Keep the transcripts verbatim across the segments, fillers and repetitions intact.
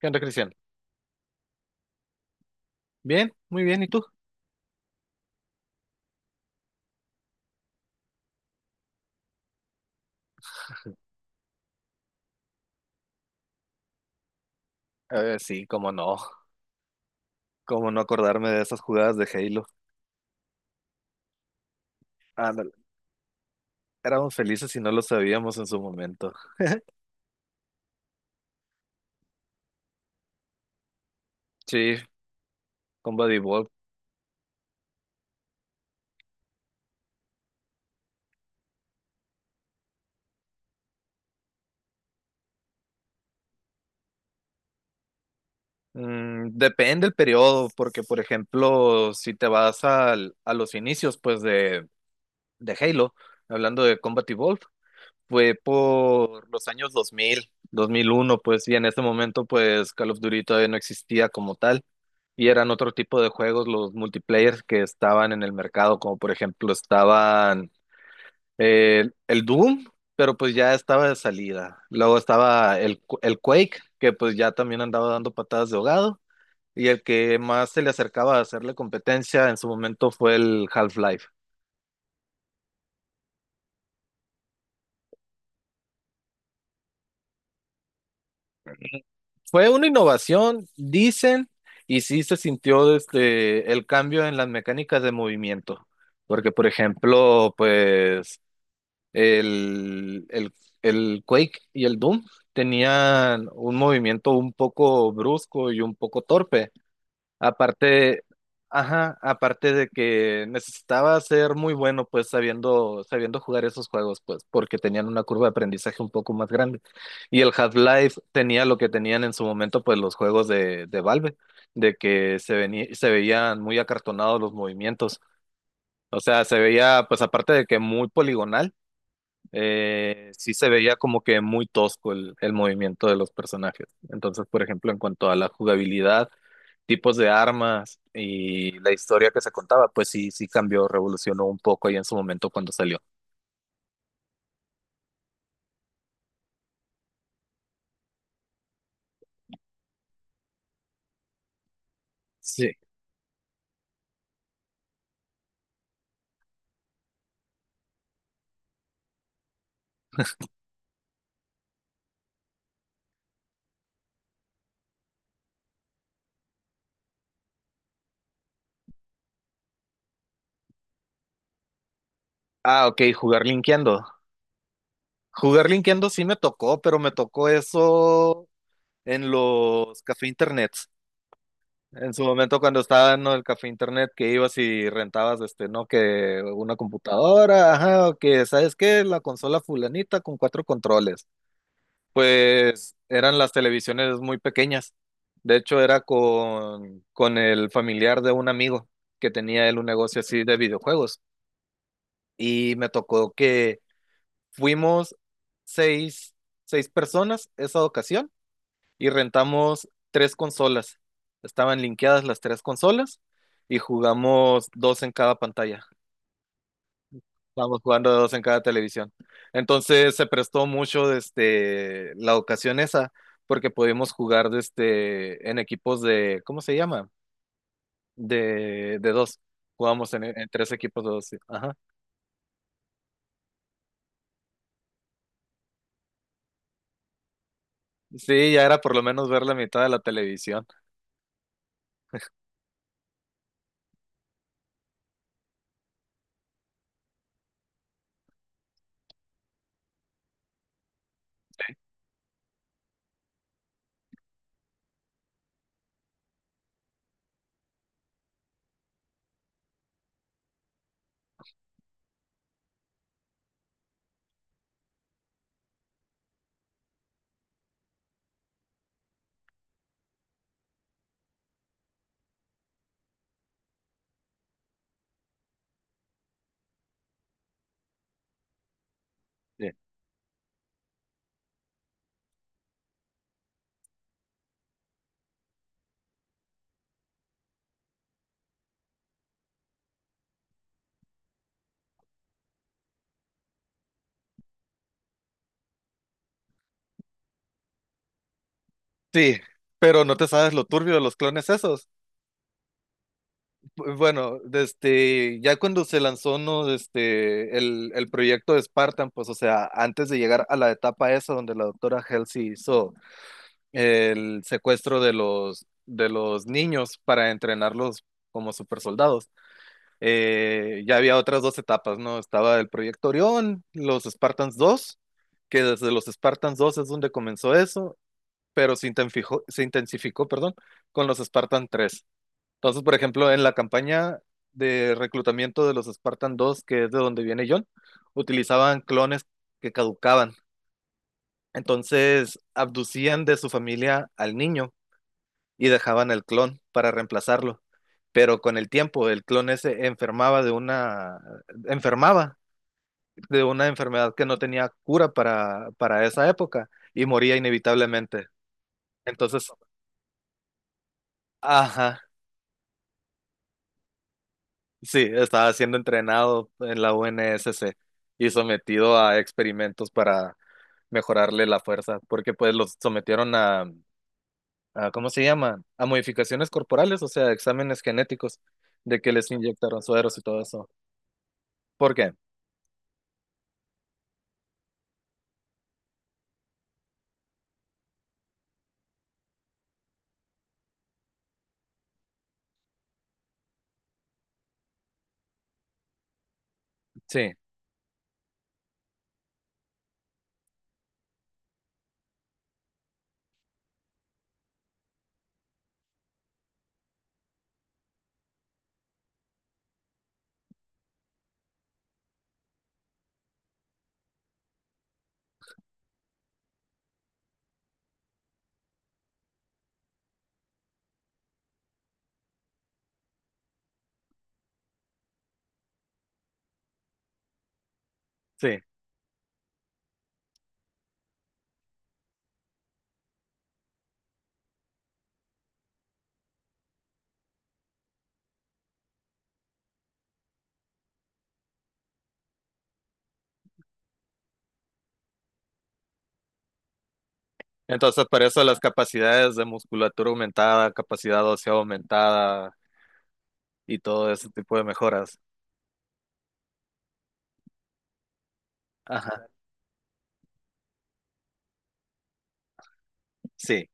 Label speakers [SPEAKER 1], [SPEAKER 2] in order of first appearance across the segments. [SPEAKER 1] ¿Qué onda, Cristian? Bien, muy bien, ¿y tú? A ver, sí, cómo no, cómo no acordarme de esas jugadas de Halo. Ándale, éramos felices y no lo sabíamos en su momento. Sí, con Buddy Bob. Mm, depende el periodo, porque por ejemplo, si te vas al- a los inicios pues de, de Halo, hablando de Combat Evolved, fue por los años dos dos mil, dos mil uno, pues, y en ese momento pues Call of Duty todavía no existía como tal. Y eran otro tipo de juegos los multiplayers que estaban en el mercado, como por ejemplo estaban eh, el Doom, pero pues ya estaba de salida. Luego estaba el, Qu- el Quake, que pues ya también andaba dando patadas de ahogado. Y el que más se le acercaba a hacerle competencia en su momento fue el Half-Life. Fue una innovación, dicen, y sí se sintió desde el cambio en las mecánicas de movimiento. Porque, por ejemplo, pues El, el, el Quake y el Doom tenían un movimiento un poco brusco y un poco torpe. Aparte, ajá, aparte de que necesitaba ser muy bueno, pues sabiendo, sabiendo jugar esos juegos, pues porque tenían una curva de aprendizaje un poco más grande. Y el Half-Life tenía lo que tenían en su momento, pues los juegos de, de Valve, de que se venía, se veían muy acartonados los movimientos. O sea, se veía, pues aparte de que muy poligonal, eh, sí se veía como que muy tosco el, el movimiento de los personajes. Entonces, por ejemplo, en cuanto a la jugabilidad, tipos de armas y la historia que se contaba, pues sí, sí cambió, revolucionó un poco ahí en su momento cuando salió. Sí. Ah, ok, jugar linkeando. Jugar linkeando sí me tocó, pero me tocó eso en los café internet. En su momento cuando estaba en el café internet que ibas y rentabas este, ¿no? Que una computadora, ajá, o que ¿sabes qué? La consola fulanita con cuatro controles. Pues eran las televisiones muy pequeñas. De hecho, era con, con el familiar de un amigo que tenía él un negocio así de videojuegos. Y me tocó que fuimos seis, seis personas esa ocasión y rentamos tres consolas. Estaban linkeadas las tres consolas y jugamos dos en cada pantalla. Estábamos jugando dos en cada televisión. Entonces se prestó mucho desde la ocasión esa, porque pudimos jugar desde, en equipos de, ¿cómo se llama? De, de dos. Jugamos en, en tres equipos de dos. Sí. Ajá. Sí, ya era por lo menos ver la mitad de la televisión. Sí, sí, pero no te sabes lo turbio de los clones esos. Bueno, este, ya cuando se lanzó ¿no? este, el, el proyecto de Spartan, pues, o sea, antes de llegar a la etapa esa donde la doctora Halsey hizo el secuestro de los, de los niños para entrenarlos como supersoldados, eh, ya había otras dos etapas, ¿no? Estaba el proyecto Orión, los Spartans dos, que desde los Spartans dos es donde comenzó eso, pero se intensificó, se intensificó, perdón, con los Spartan tres. Entonces, por ejemplo, en la campaña de reclutamiento de los Spartan dos, que es de donde viene John, utilizaban clones que caducaban. Entonces, abducían de su familia al niño y dejaban el clon para reemplazarlo. Pero con el tiempo, el clon ese enfermaba de una, enfermaba de una enfermedad que no tenía cura para, para esa época y moría inevitablemente. Entonces, ajá, sí, estaba siendo entrenado en la U N S C y sometido a experimentos para mejorarle la fuerza, porque pues los sometieron a, a, ¿cómo se llama? A modificaciones corporales, o sea, exámenes genéticos de que les inyectaron sueros y todo eso. ¿Por qué? Sí, sí. Entonces, por eso las capacidades de musculatura aumentada, capacidad ósea aumentada y todo ese tipo de mejoras. Ajá, sí,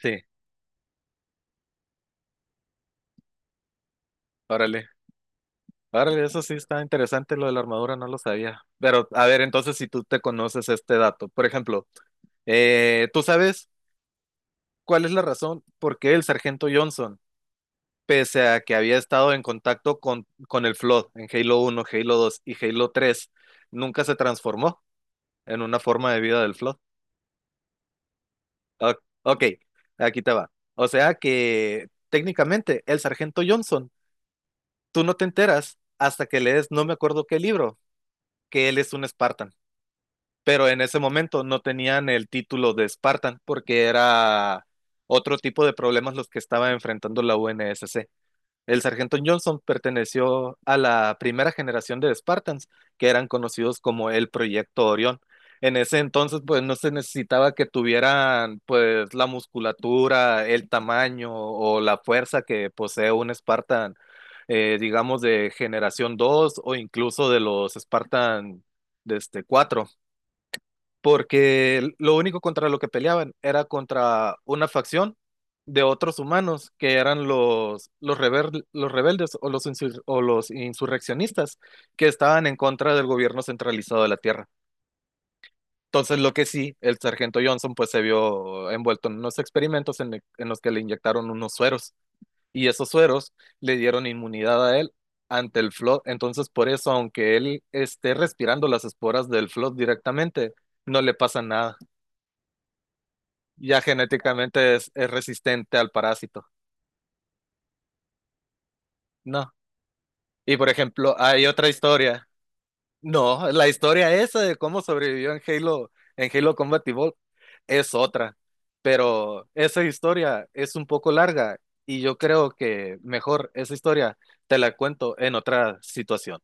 [SPEAKER 1] sí. Órale. Órale, eso sí está interesante, lo de la armadura, no lo sabía. Pero, a ver, entonces, si tú te conoces este dato, por ejemplo, eh, ¿tú sabes cuál es la razón por qué el sargento Johnson, pese a que había estado en contacto con, con el Flood en Halo uno, Halo dos y Halo tres, nunca se transformó en una forma de vida del Flood? O- ok, aquí te va. O sea que técnicamente el sargento Johnson, tú no te enteras hasta que lees, no me acuerdo qué libro, que él es un Spartan. Pero en ese momento no tenían el título de Spartan porque era otro tipo de problemas los que estaba enfrentando la U N S C. El sargento Johnson perteneció a la primera generación de Spartans, que eran conocidos como el Proyecto Orión. En ese entonces, pues no se necesitaba que tuvieran pues la musculatura, el tamaño o la fuerza que posee un Spartan, eh, digamos, de generación dos o incluso de los Spartan de este, cuatro porque lo único contra lo que peleaban era contra una facción de otros humanos que eran los, los, rebel- los rebeldes o los, insur- o los insurreccionistas que estaban en contra del gobierno centralizado de la Tierra. Entonces, lo que sí, el sargento Johnson pues se vio envuelto en unos experimentos en, en los que le inyectaron unos sueros y esos sueros le dieron inmunidad a él ante el Flood. Entonces, por eso, aunque él esté respirando las esporas del Flood directamente, no le pasa nada. Ya genéticamente es, es resistente al parásito. No. Y por ejemplo, hay otra historia. No, la historia esa de cómo sobrevivió en Halo, en Halo Combat Evolved es otra. Pero esa historia es un poco larga y yo creo que mejor esa historia te la cuento en otra situación.